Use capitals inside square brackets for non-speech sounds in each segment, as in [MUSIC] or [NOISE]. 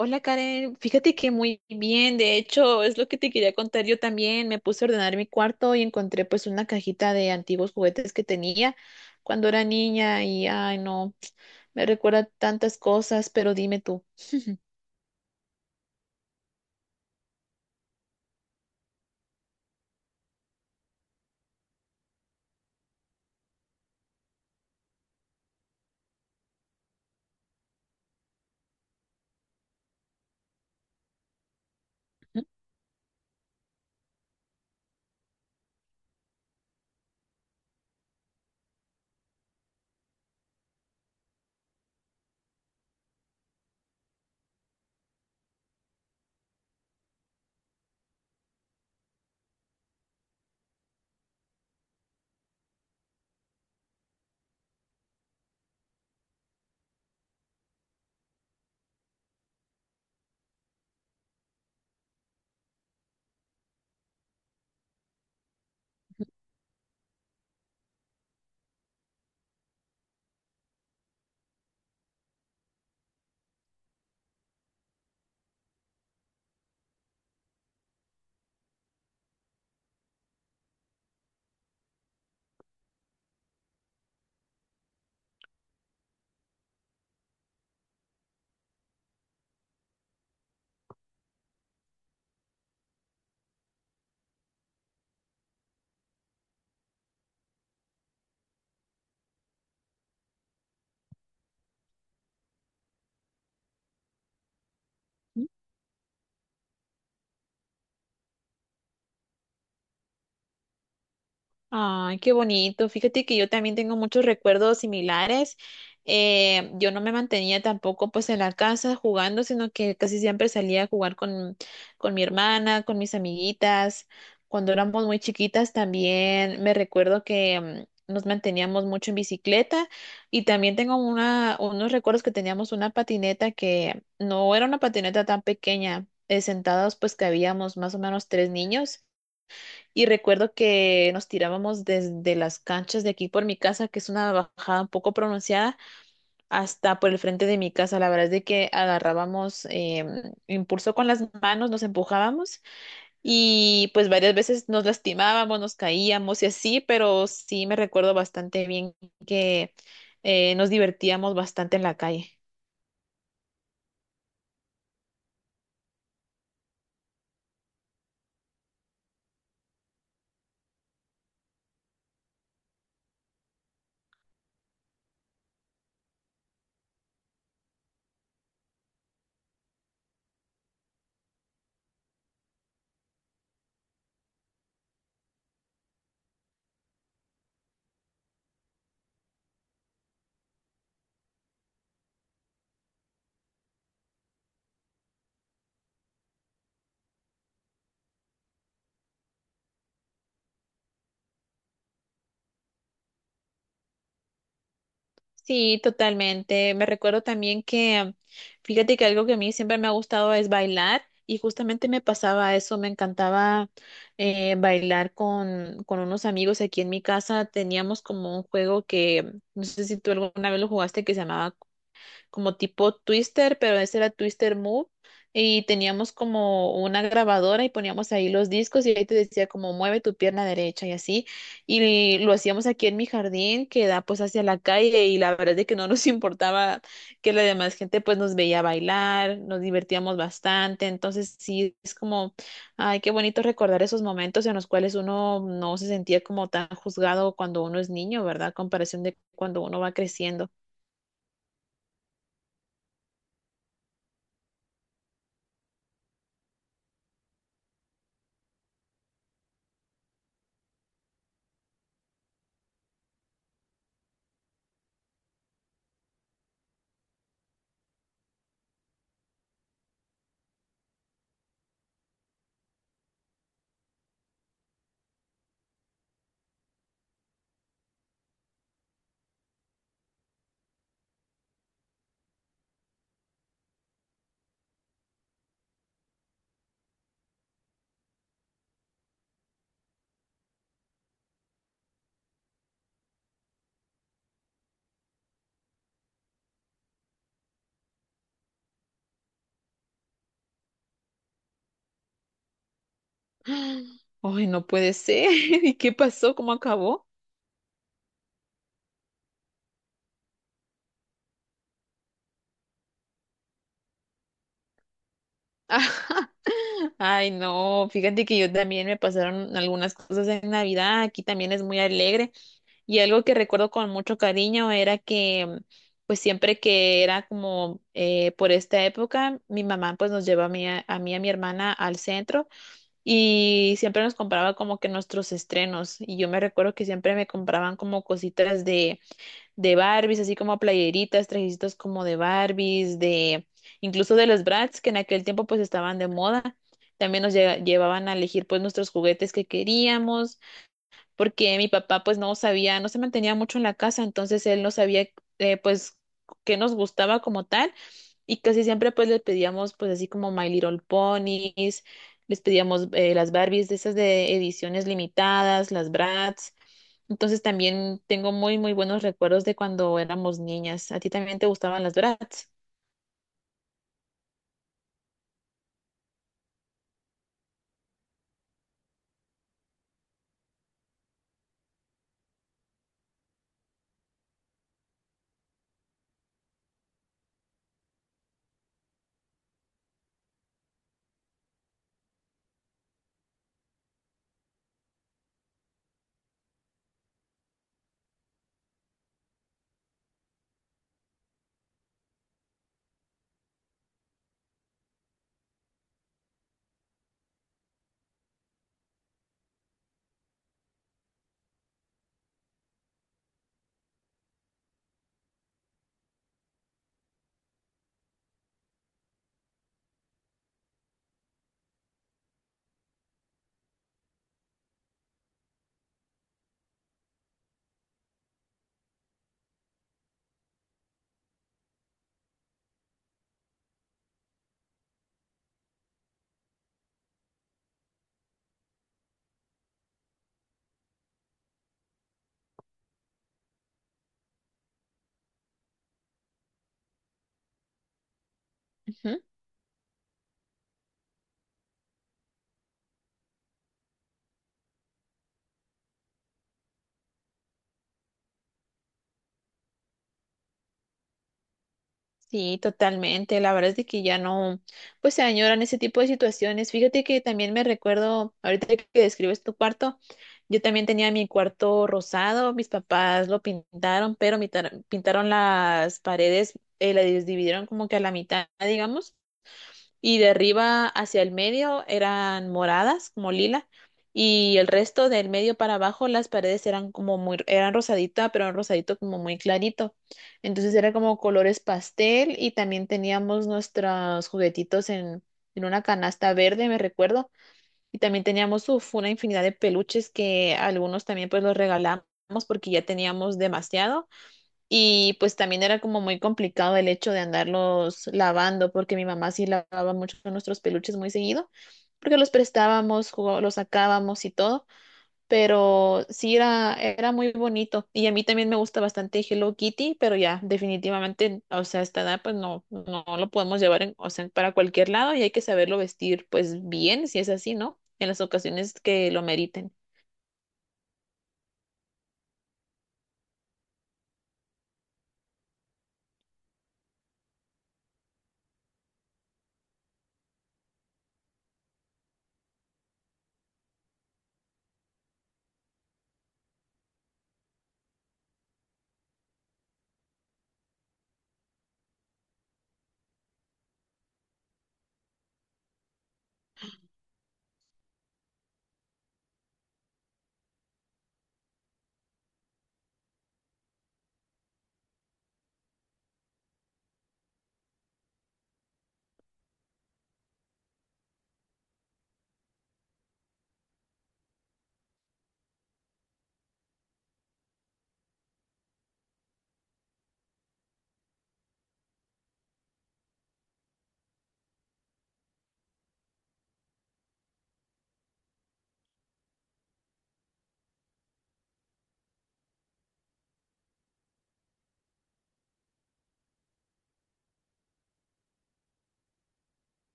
Hola Karen, fíjate que muy bien, de hecho es lo que te quería contar yo también, me puse a ordenar mi cuarto y encontré pues una cajita de antiguos juguetes que tenía cuando era niña y ay no, me recuerda tantas cosas, pero dime tú. Ay, qué bonito. Fíjate que yo también tengo muchos recuerdos similares. Yo no me mantenía tampoco pues en la casa jugando, sino que casi siempre salía a jugar con mi hermana, con mis amiguitas. Cuando éramos muy chiquitas también me recuerdo que nos manteníamos mucho en bicicleta y también tengo unos recuerdos que teníamos una patineta que no era una patineta tan pequeña, sentados pues que habíamos más o menos tres niños. Y recuerdo que nos tirábamos desde las canchas de aquí por mi casa, que es una bajada un poco pronunciada, hasta por el frente de mi casa. La verdad es de que agarrábamos em, impulso con las manos, nos empujábamos y pues varias veces nos lastimábamos, nos caíamos y así, pero sí me recuerdo bastante bien que nos divertíamos bastante en la calle. Sí, totalmente. Me recuerdo también que, fíjate que algo que a mí siempre me ha gustado es bailar y justamente me pasaba eso, me encantaba bailar con unos amigos aquí en mi casa. Teníamos como un juego que, no sé si tú alguna vez lo jugaste, que se llamaba como tipo Twister, pero ese era Twister Move. Y teníamos como una grabadora y poníamos ahí los discos y ahí te decía como mueve tu pierna derecha y así. Y lo hacíamos aquí en mi jardín que da pues hacia la calle y la verdad es de que no nos [LAUGHS] importaba que la demás gente pues nos veía bailar, nos divertíamos bastante. Entonces sí, es como, ay, qué bonito recordar esos momentos en los cuales uno no se sentía como tan juzgado cuando uno es niño, ¿verdad? Comparación de cuando uno va creciendo. Ay, no puede ser. [LAUGHS] ¿Y qué pasó? ¿Cómo acabó? [LAUGHS] Ajá. Ay, no, fíjate que yo también me pasaron algunas cosas en Navidad, aquí también es muy alegre y algo que recuerdo con mucho cariño era que pues siempre que era como por esta época, mi mamá pues nos llevaba a mí, a mí y a mi hermana al centro y siempre nos compraba como que nuestros estrenos y yo me recuerdo que siempre me compraban como cositas de Barbies, así como playeritas, trajecitos como de Barbies, de incluso de los Bratz, que en aquel tiempo pues estaban de moda. También nos llevaban a elegir pues nuestros juguetes que queríamos porque mi papá pues no sabía, no se mantenía mucho en la casa, entonces él no sabía pues qué nos gustaba como tal y casi siempre pues le pedíamos pues así como My Little Ponies, les pedíamos las Barbies de esas de ediciones limitadas, las Bratz. Entonces también tengo muy buenos recuerdos de cuando éramos niñas. ¿A ti también te gustaban las Bratz? Sí, totalmente. La verdad es de que ya no, pues se añoran ese tipo de situaciones. Fíjate que también me recuerdo, ahorita que describes tu cuarto, yo también tenía mi cuarto rosado, mis papás lo pintaron, pero pintaron las paredes, las dividieron como que a la mitad, digamos y de arriba hacia el medio eran moradas, como lila, y el resto del medio para abajo las paredes eran como muy, eran rosadita, pero un rosadito como muy clarito. Entonces era como colores pastel y también teníamos nuestros juguetitos en una canasta verde, me recuerdo, y también teníamos uf, una infinidad de peluches que algunos también pues los regalamos porque ya teníamos demasiado y pues también era como muy complicado el hecho de andarlos lavando, porque mi mamá sí lavaba mucho nuestros peluches muy seguido, porque los prestábamos, los sacábamos y todo, pero sí era, era muy bonito. Y a mí también me gusta bastante Hello Kitty, pero ya, definitivamente, o sea, a esta edad pues no, no lo podemos llevar o sea, para cualquier lado y hay que saberlo vestir pues bien, si es así, ¿no? En las ocasiones que lo meriten.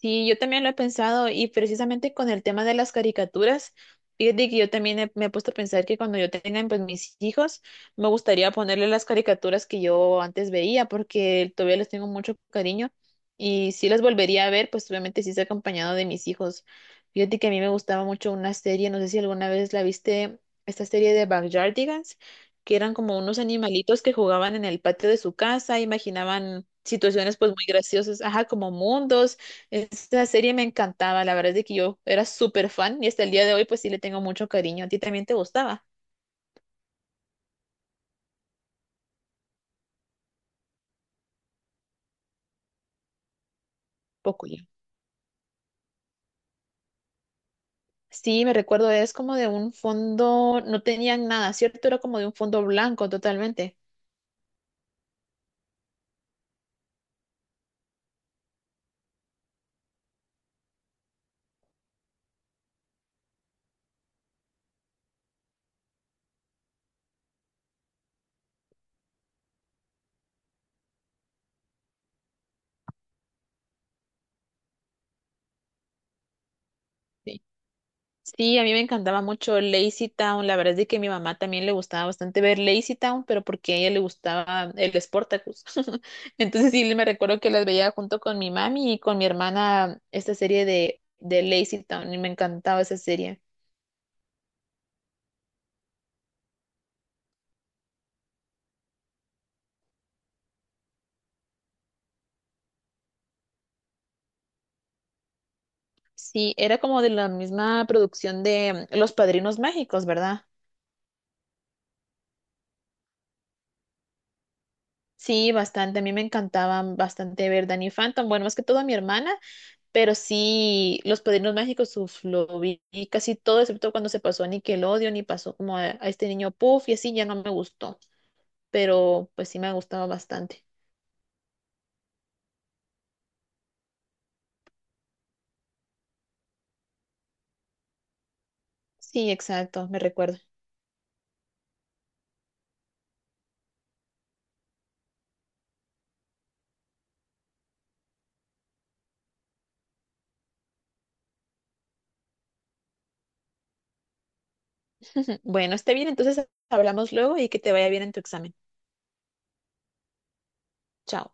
Sí, yo también lo he pensado y precisamente con el tema de las caricaturas, fíjate que yo también me he puesto a pensar que cuando yo tenga pues, mis hijos, me gustaría ponerle las caricaturas que yo antes veía porque todavía les tengo mucho cariño y si las volvería a ver, pues obviamente sí es acompañado de mis hijos. Fíjate que a mí me gustaba mucho una serie, no sé si alguna vez la viste, esta serie de Backyardigans, que eran como unos animalitos que jugaban en el patio de su casa, imaginaban situaciones pues muy graciosas, ajá, como mundos esta serie me encantaba, la verdad es de que yo era súper fan y hasta el día de hoy pues sí le tengo mucho cariño. ¿A ti también te gustaba? Poco yo. Sí, me recuerdo, es como de un fondo, no tenían nada, ¿cierto? Era como de un fondo blanco totalmente. Sí, sí, a mí me encantaba mucho Lazy Town, la verdad es de que a mi mamá también le gustaba bastante ver Lazy Town, pero porque a ella le gustaba el Sportacus. [LAUGHS] Entonces sí, me recuerdo que las veía junto con mi mami y con mi hermana esta serie de Lazy Town y me encantaba esa serie. Sí, era como de la misma producción de Los Padrinos Mágicos, ¿verdad? Sí, bastante. A mí me encantaban bastante ver Danny Phantom. Bueno, más que todo a mi hermana, pero sí, Los Padrinos Mágicos, uf, lo vi casi todo, excepto cuando se pasó a Nickelodeon y pasó como a este niño Puff y así, ya no me gustó. Pero pues sí me gustaba bastante. Sí, exacto, me recuerdo. [LAUGHS] Bueno, esté bien, entonces hablamos luego y que te vaya bien en tu examen. Chao.